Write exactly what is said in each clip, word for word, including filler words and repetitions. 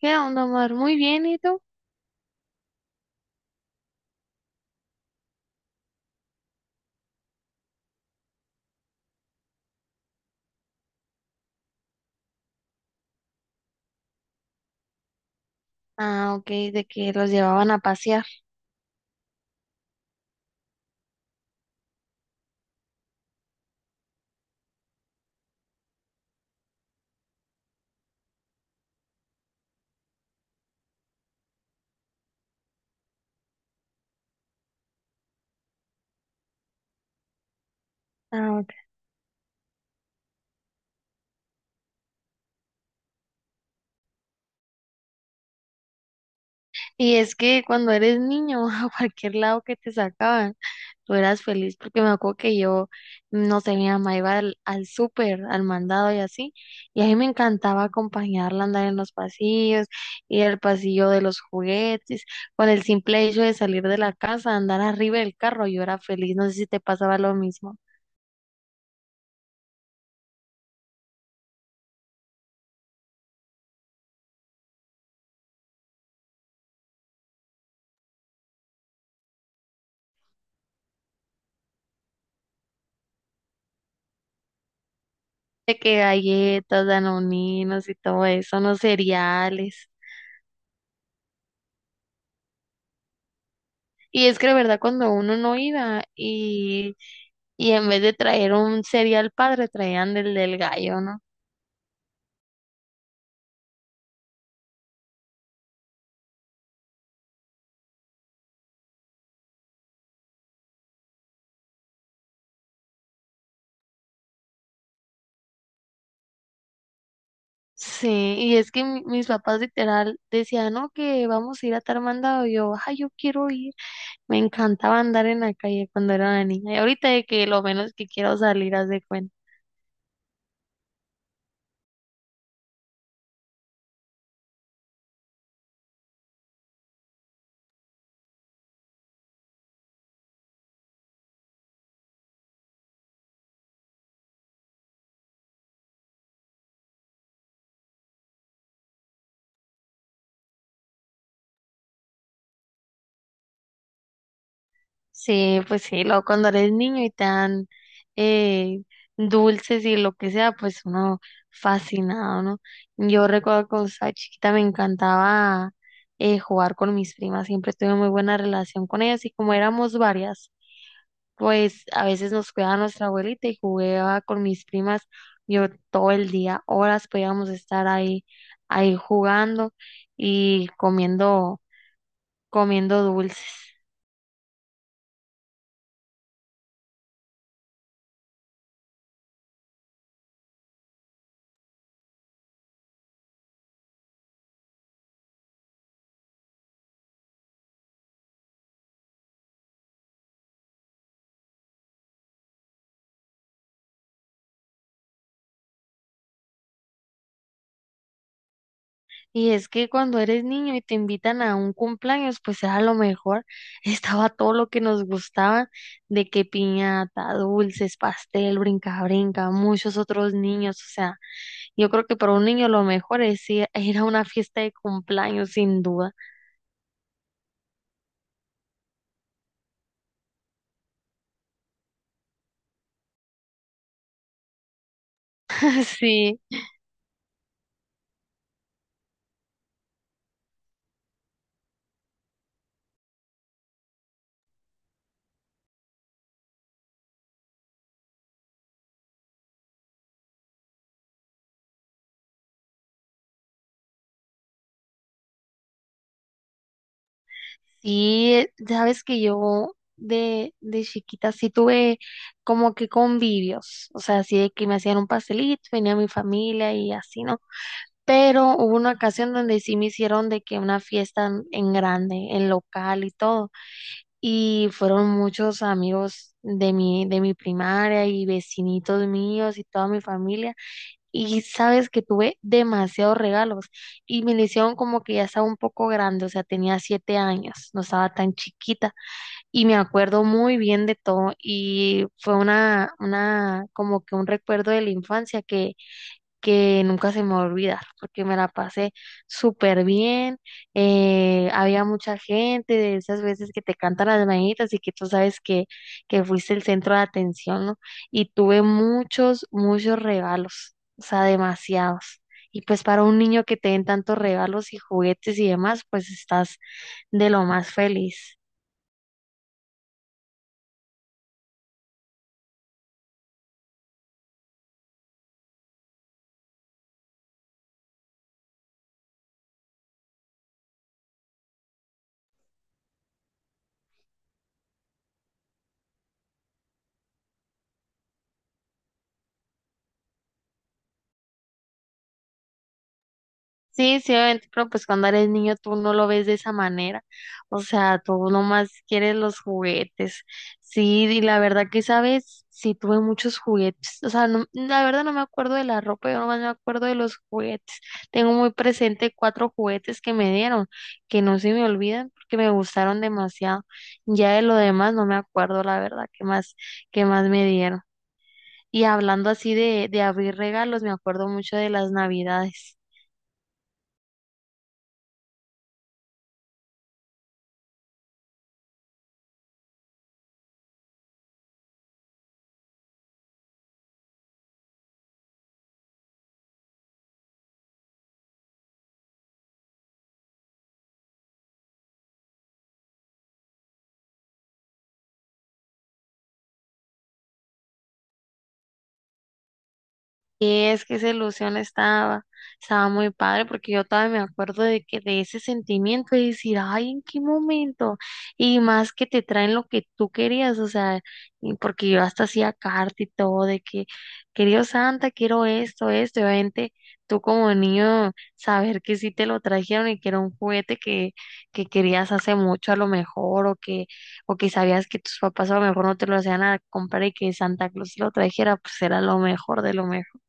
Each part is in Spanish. ¿Qué onda, Omar? Muy bien, ¿y tú? Ah, ok, de que los llevaban a pasear. Ah, ok. Y es que cuando eres niño, a cualquier lado que te sacaban, tú eras feliz porque me acuerdo que yo, no sé, mi mamá iba al, al súper, al mandado y así, y a mí me encantaba acompañarla a andar en los pasillos, ir al pasillo de los juguetes, con el simple hecho de salir de la casa, andar arriba del carro, yo era feliz, no sé si te pasaba lo mismo. De que galletas, danoninos y todo eso, no cereales. Y es que de verdad cuando uno no iba y, y en vez de traer un cereal padre, traían del del gallo, ¿no? Sí, y es que mi- mis papás literal decían, no, que vamos a ir a tal mandado. Y yo, ay, yo quiero ir. Me encantaba andar en la calle cuando era una niña. Y ahorita de que lo menos que quiero salir, haz de cuenta. Sí, pues sí, luego cuando eres niño y te dan eh, dulces y lo que sea, pues uno fascinado, ¿no? Yo recuerdo que cuando estaba chiquita me encantaba eh, jugar con mis primas, siempre tuve muy buena relación con ellas y como éramos varias, pues a veces nos cuidaba nuestra abuelita y jugaba con mis primas yo todo el día, horas podíamos estar ahí, ahí jugando y comiendo, comiendo dulces. Y es que cuando eres niño y te invitan a un cumpleaños, pues era lo mejor. Estaba todo lo que nos gustaba, de que piñata, dulces, pastel, brinca, brinca, muchos otros niños. O sea, yo creo que para un niño lo mejor es ir ir a una fiesta de cumpleaños, sin duda. Sí, sí, sabes que yo de, de chiquita sí tuve como que convivios. O sea, así de que me hacían un pastelito, venía mi familia y así, ¿no? Pero hubo una ocasión donde sí me hicieron de que una fiesta en en grande, en local y todo, y fueron muchos amigos de mi, de mi primaria y vecinitos míos y toda mi familia, y sabes que tuve demasiados regalos, y me lo hicieron como que ya estaba un poco grande, o sea, tenía siete años, no estaba tan chiquita, y me acuerdo muy bien de todo, y fue una, una, como que un recuerdo de la infancia que que nunca se me va a olvidar, porque me la pasé súper bien, eh, había mucha gente, de esas veces que te cantan las mañanitas y que tú sabes que, que fuiste el centro de atención, ¿no? Y tuve muchos, muchos regalos, o sea, demasiados. Y pues para un niño que te den tantos regalos y juguetes y demás, pues estás de lo más feliz. Sí, sí, obviamente, pero pues cuando eres niño tú no lo ves de esa manera. O sea, tú nomás quieres los juguetes. Sí, y la verdad que sabes, sí tuve muchos juguetes. O sea, no, la verdad no me acuerdo de la ropa, yo nomás me acuerdo de los juguetes. Tengo muy presente cuatro juguetes que me dieron, que no se me olvidan porque me gustaron demasiado. Ya de lo demás no me acuerdo, la verdad, qué más, qué más me dieron. Y hablando así de, de abrir regalos, me acuerdo mucho de las navidades. Y es que esa ilusión estaba, estaba muy padre porque yo todavía me acuerdo de que de ese sentimiento de decir, ay, ¿en qué momento? Y más que te traen lo que tú querías, o sea, y porque yo hasta hacía carta y todo de que, querido Santa, quiero esto, esto, y obviamente tú como niño saber que sí te lo trajeron y que era un juguete que, que querías hace mucho a lo mejor o que, o que sabías que tus papás a lo mejor no te lo hacían a comprar y que Santa Claus te lo trajera, pues era lo mejor de lo mejor.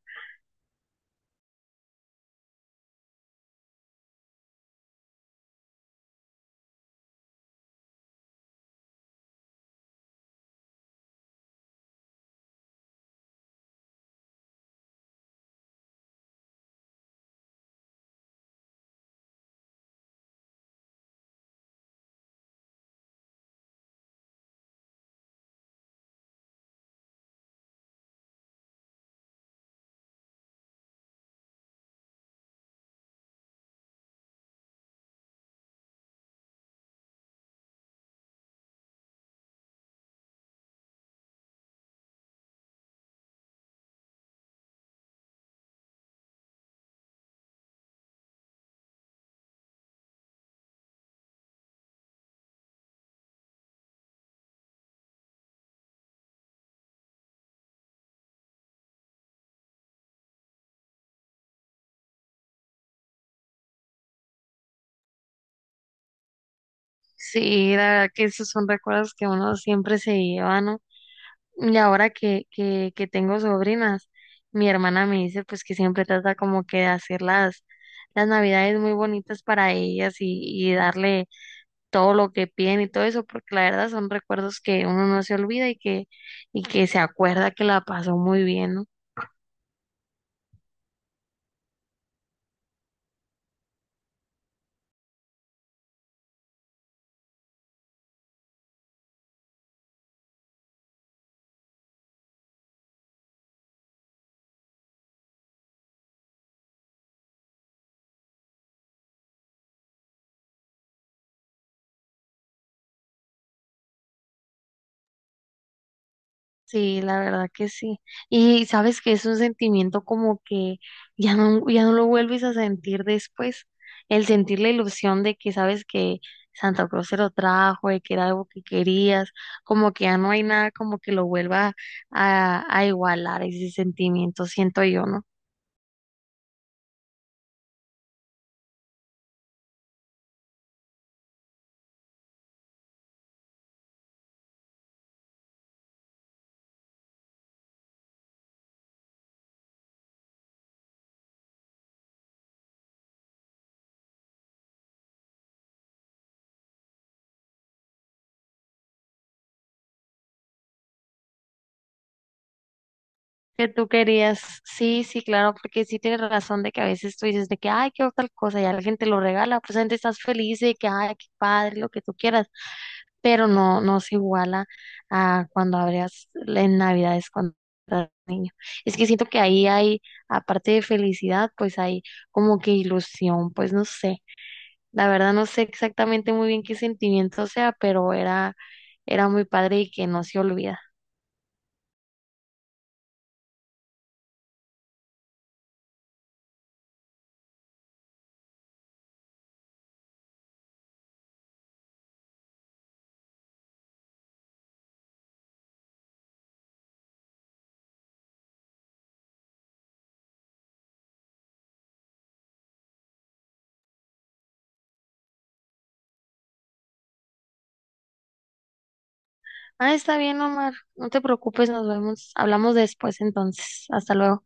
Sí, la verdad que esos son recuerdos que uno siempre se lleva, ¿no? Y ahora que, que, que tengo sobrinas, mi hermana me dice pues que siempre trata como que de hacer las, las navidades muy bonitas para ellas y, y darle todo lo que piden y todo eso, porque la verdad son recuerdos que uno no se olvida y que, y que se acuerda que la pasó muy bien, ¿no? Sí, la verdad que sí. Y sabes que es un sentimiento como que ya no, ya no lo vuelves a sentir después. El sentir la ilusión de que sabes que Santa Cruz se lo trajo, de que era algo que querías, como que ya no hay nada como que lo vuelva a, a igualar ese sentimiento, siento yo, ¿no? Que tú querías, sí, sí, claro, porque sí tienes razón de que a veces tú dices de que, ay, qué tal cosa, y a la gente lo regala, pues la gente estás feliz de que, ay, qué padre, lo que tú quieras, pero no, no se iguala a cuando abrías en Navidades cuando eras niño. Es que siento que ahí hay, aparte de felicidad, pues hay como que ilusión, pues no sé. La verdad no sé exactamente muy bien qué sentimiento sea, pero era, era muy padre y que no se olvida. Ah, está bien, Omar. No te preocupes, nos vemos. Hablamos después entonces. Hasta luego.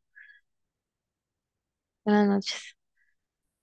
Buenas noches.